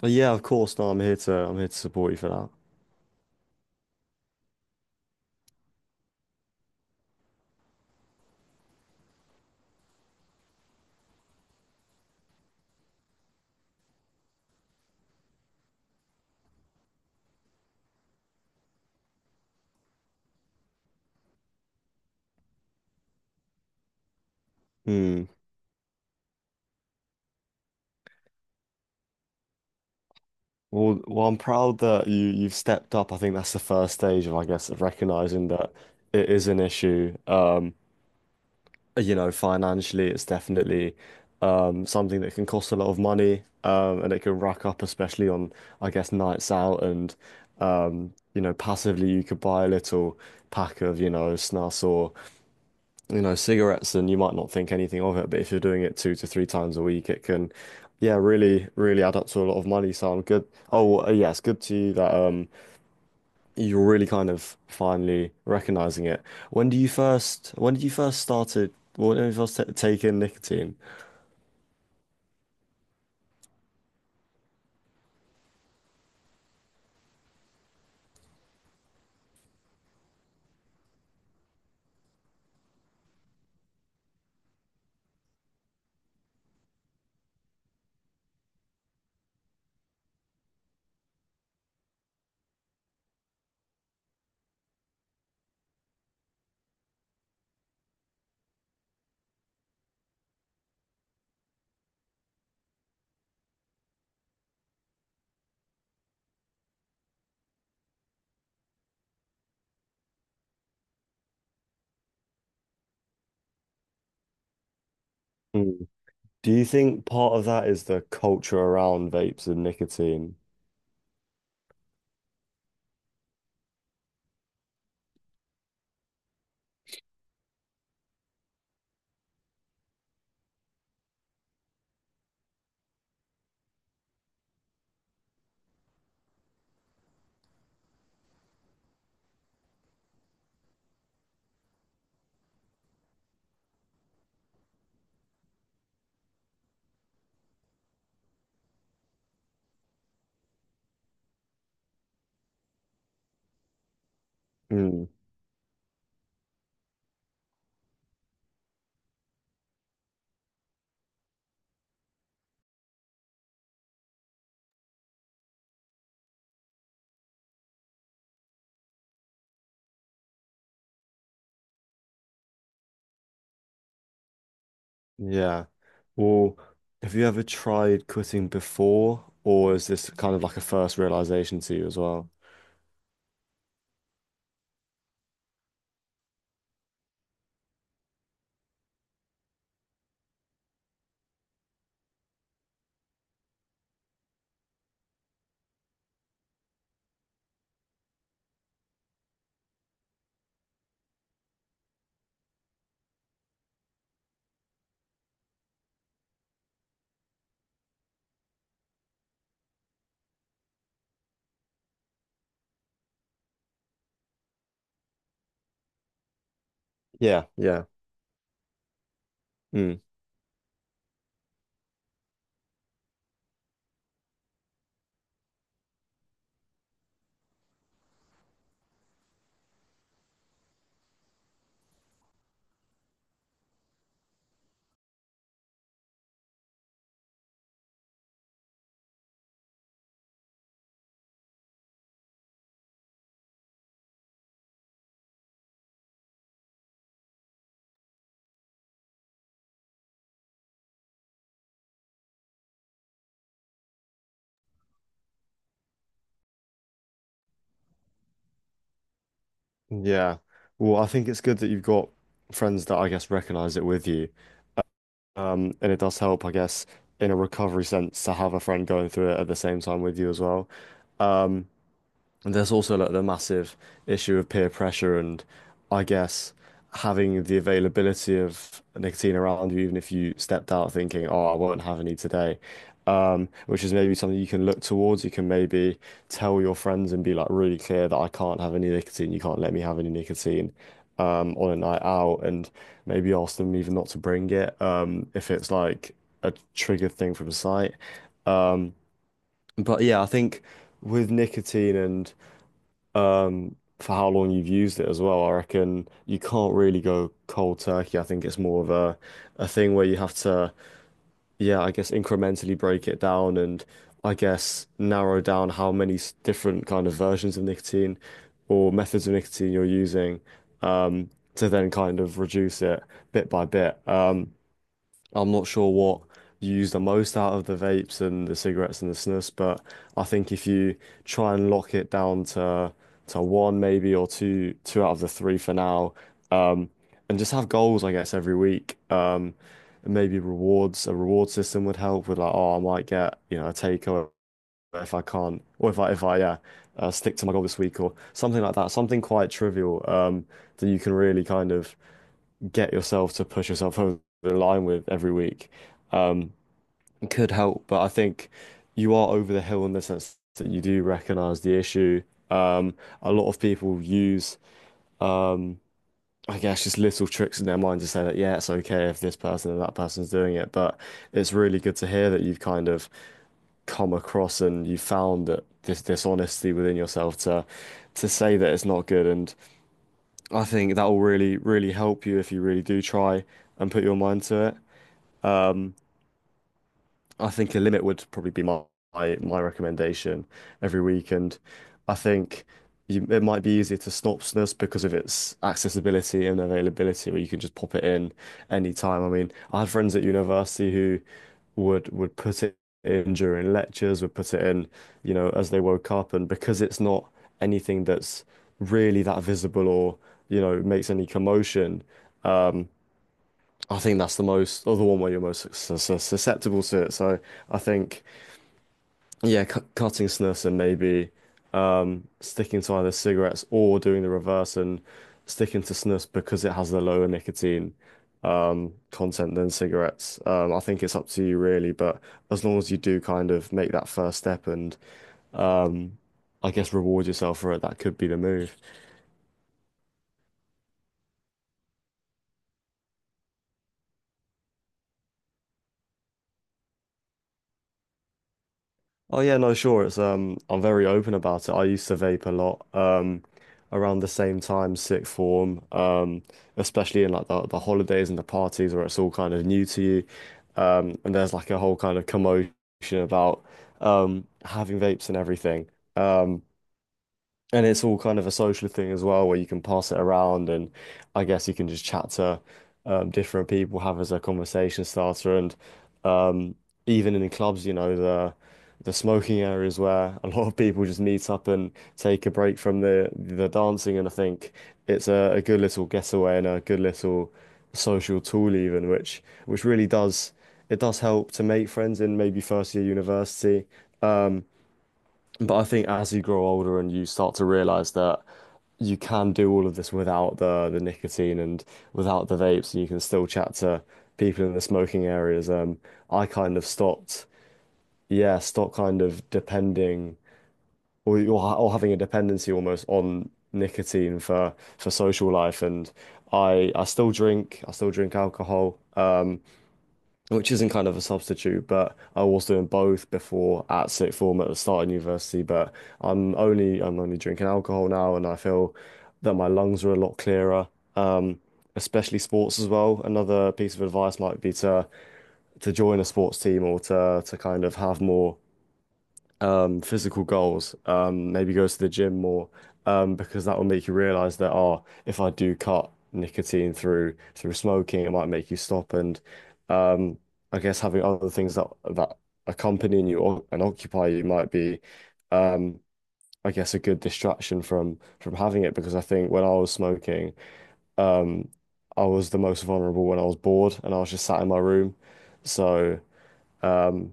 But yeah, of course. No, I'm here to support you for that. Hmm. Well, I'm proud that you've stepped up. I think that's the first stage of, I guess, of recognizing that it is an issue. You know, financially, it's definitely something that can cost a lot of money. And it can rack up, especially on, I guess, nights out. And you know, passively you could buy a little pack of, you know, snus or you know, cigarettes, and you might not think anything of it, but if you're doing it two to three times a week, it can, yeah, really, really add up to a lot of money. So I'm good? Oh, well, yeah, it's good to you that you're really kind of finally recognizing it. When do you first? When did you first started? When did you first ta take in nicotine? Mm. Do you think part of that is the culture around vapes and nicotine? Mm. Yeah. Well, have you ever tried quitting before, or is this kind of like a first realization to you as well? Yeah, yeah. Mm. Yeah. Well, I think it's good that you've got friends that I guess recognize it with you. And it does help, I guess, in a recovery sense to have a friend going through it at the same time with you as well. Um, And there's also like the massive issue of peer pressure and I guess having the availability of nicotine around you, even if you stepped out thinking, oh, I won't have any today, which is maybe something you can look towards. You can maybe tell your friends and be like really clear that I can't have any nicotine. You can't let me have any nicotine. On a night out, and maybe ask them even not to bring it, if it's like a triggered thing from sight. Um, but yeah, I think with nicotine and for how long you've used it as well. I reckon you can't really go cold turkey. I think it's more of a thing where you have to, yeah, I guess incrementally break it down and I guess narrow down how many different kind of versions of nicotine or methods of nicotine you're using um, to then kind of reduce it bit by bit. I'm not sure what you use the most out of the vapes and the cigarettes and the snuffs, but I think if you try and lock it down to one maybe or two out of the three for now, um, and just have goals, I guess, every week. And maybe rewards, a reward system would help with like, oh, I might get, you know, a takeaway if I can't, or if I yeah, stick to my goal this week or something like that, something quite trivial, that you can really kind of get yourself to push yourself over the line with every week um, could help. But I think you are over the hill in the sense that you do recognize the issue. Um, a lot of people use, um, I guess, just little tricks in their mind to say that, yeah, it's okay if this person and that person's doing it. But it's really good to hear that you've kind of come across and you found that this dishonesty within yourself to say that it's not good. And I think that will really, really help you if you really do try and put your mind to it. I think a limit would probably be my recommendation every week, and I think you, it might be easier to Snopsness because of its accessibility and availability, where you can just pop it in any time. I mean, I had friends at university who would put it in during lectures, would put it in, you know, as they woke up, and because it's not anything that's really that visible or you know makes any commotion, I think that's the most or the one where you're most susceptible to it. So I think. Yeah, cutting snus and maybe sticking to either cigarettes or doing the reverse and sticking to snus because it has the lower nicotine content than cigarettes. I think it's up to you really, but as long as you do kind of make that first step and um, I guess reward yourself for it, that could be the move. Oh yeah, no, sure. It's I'm very open about it. I used to vape a lot, around the same time, sixth form, especially in like the holidays and the parties where it's all kind of new to you, and there's like a whole kind of commotion about having vapes and everything. Um, and it's all kind of a social thing as well, where you can pass it around, and I guess you can just chat to different people, have as a conversation starter, and um, even in the clubs, you know, the smoking areas where a lot of people just meet up and take a break from the dancing, and I think it's a good little getaway and a good little social tool even, which really does it does help to make friends in maybe first year university. But I think as you grow older and you start to realize that you can do all of this without the the nicotine and without the vapes, and you can still chat to people in the smoking areas. I kind of stopped, yeah, stopped kind of depending or or having a dependency almost on nicotine for social life. And I still drink, I still drink alcohol. Which isn't kind of a substitute, but I was doing both before at sixth form at the start of university. But I'm only drinking alcohol now, and I feel that my lungs are a lot clearer. Um, Especially sports as well. Another piece of advice might be to join a sports team or to kind of have more physical goals. Maybe goes to the gym more because that will make you realize that oh, if I do cut nicotine through through smoking, it might make you stop. And um, I guess having other things that that accompany you or, and occupy you might be, um, I guess, a good distraction from having it. Because I think when I was smoking, um, I was the most vulnerable when I was bored and I was just sat in my room. So. um,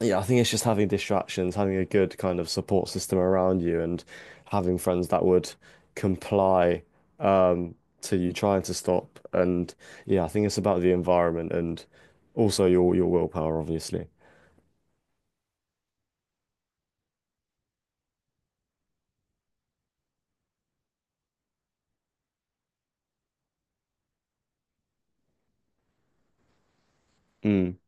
yeah, I think it's just having distractions, having a good kind of support system around you, and having friends that would comply um, to you trying to stop. And yeah, I think it's about the environment and also your willpower, obviously. Mm,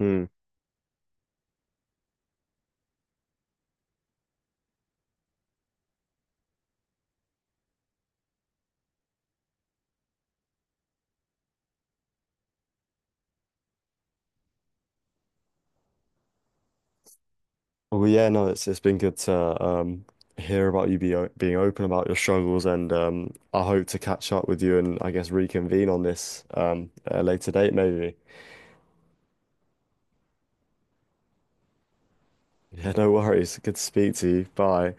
mm. Well, yeah, no, it's been good to hear about you being open about your struggles, and I hope to catch up with you and I guess reconvene on this at a later date, maybe. Yeah, no worries. Good to speak to you. Bye.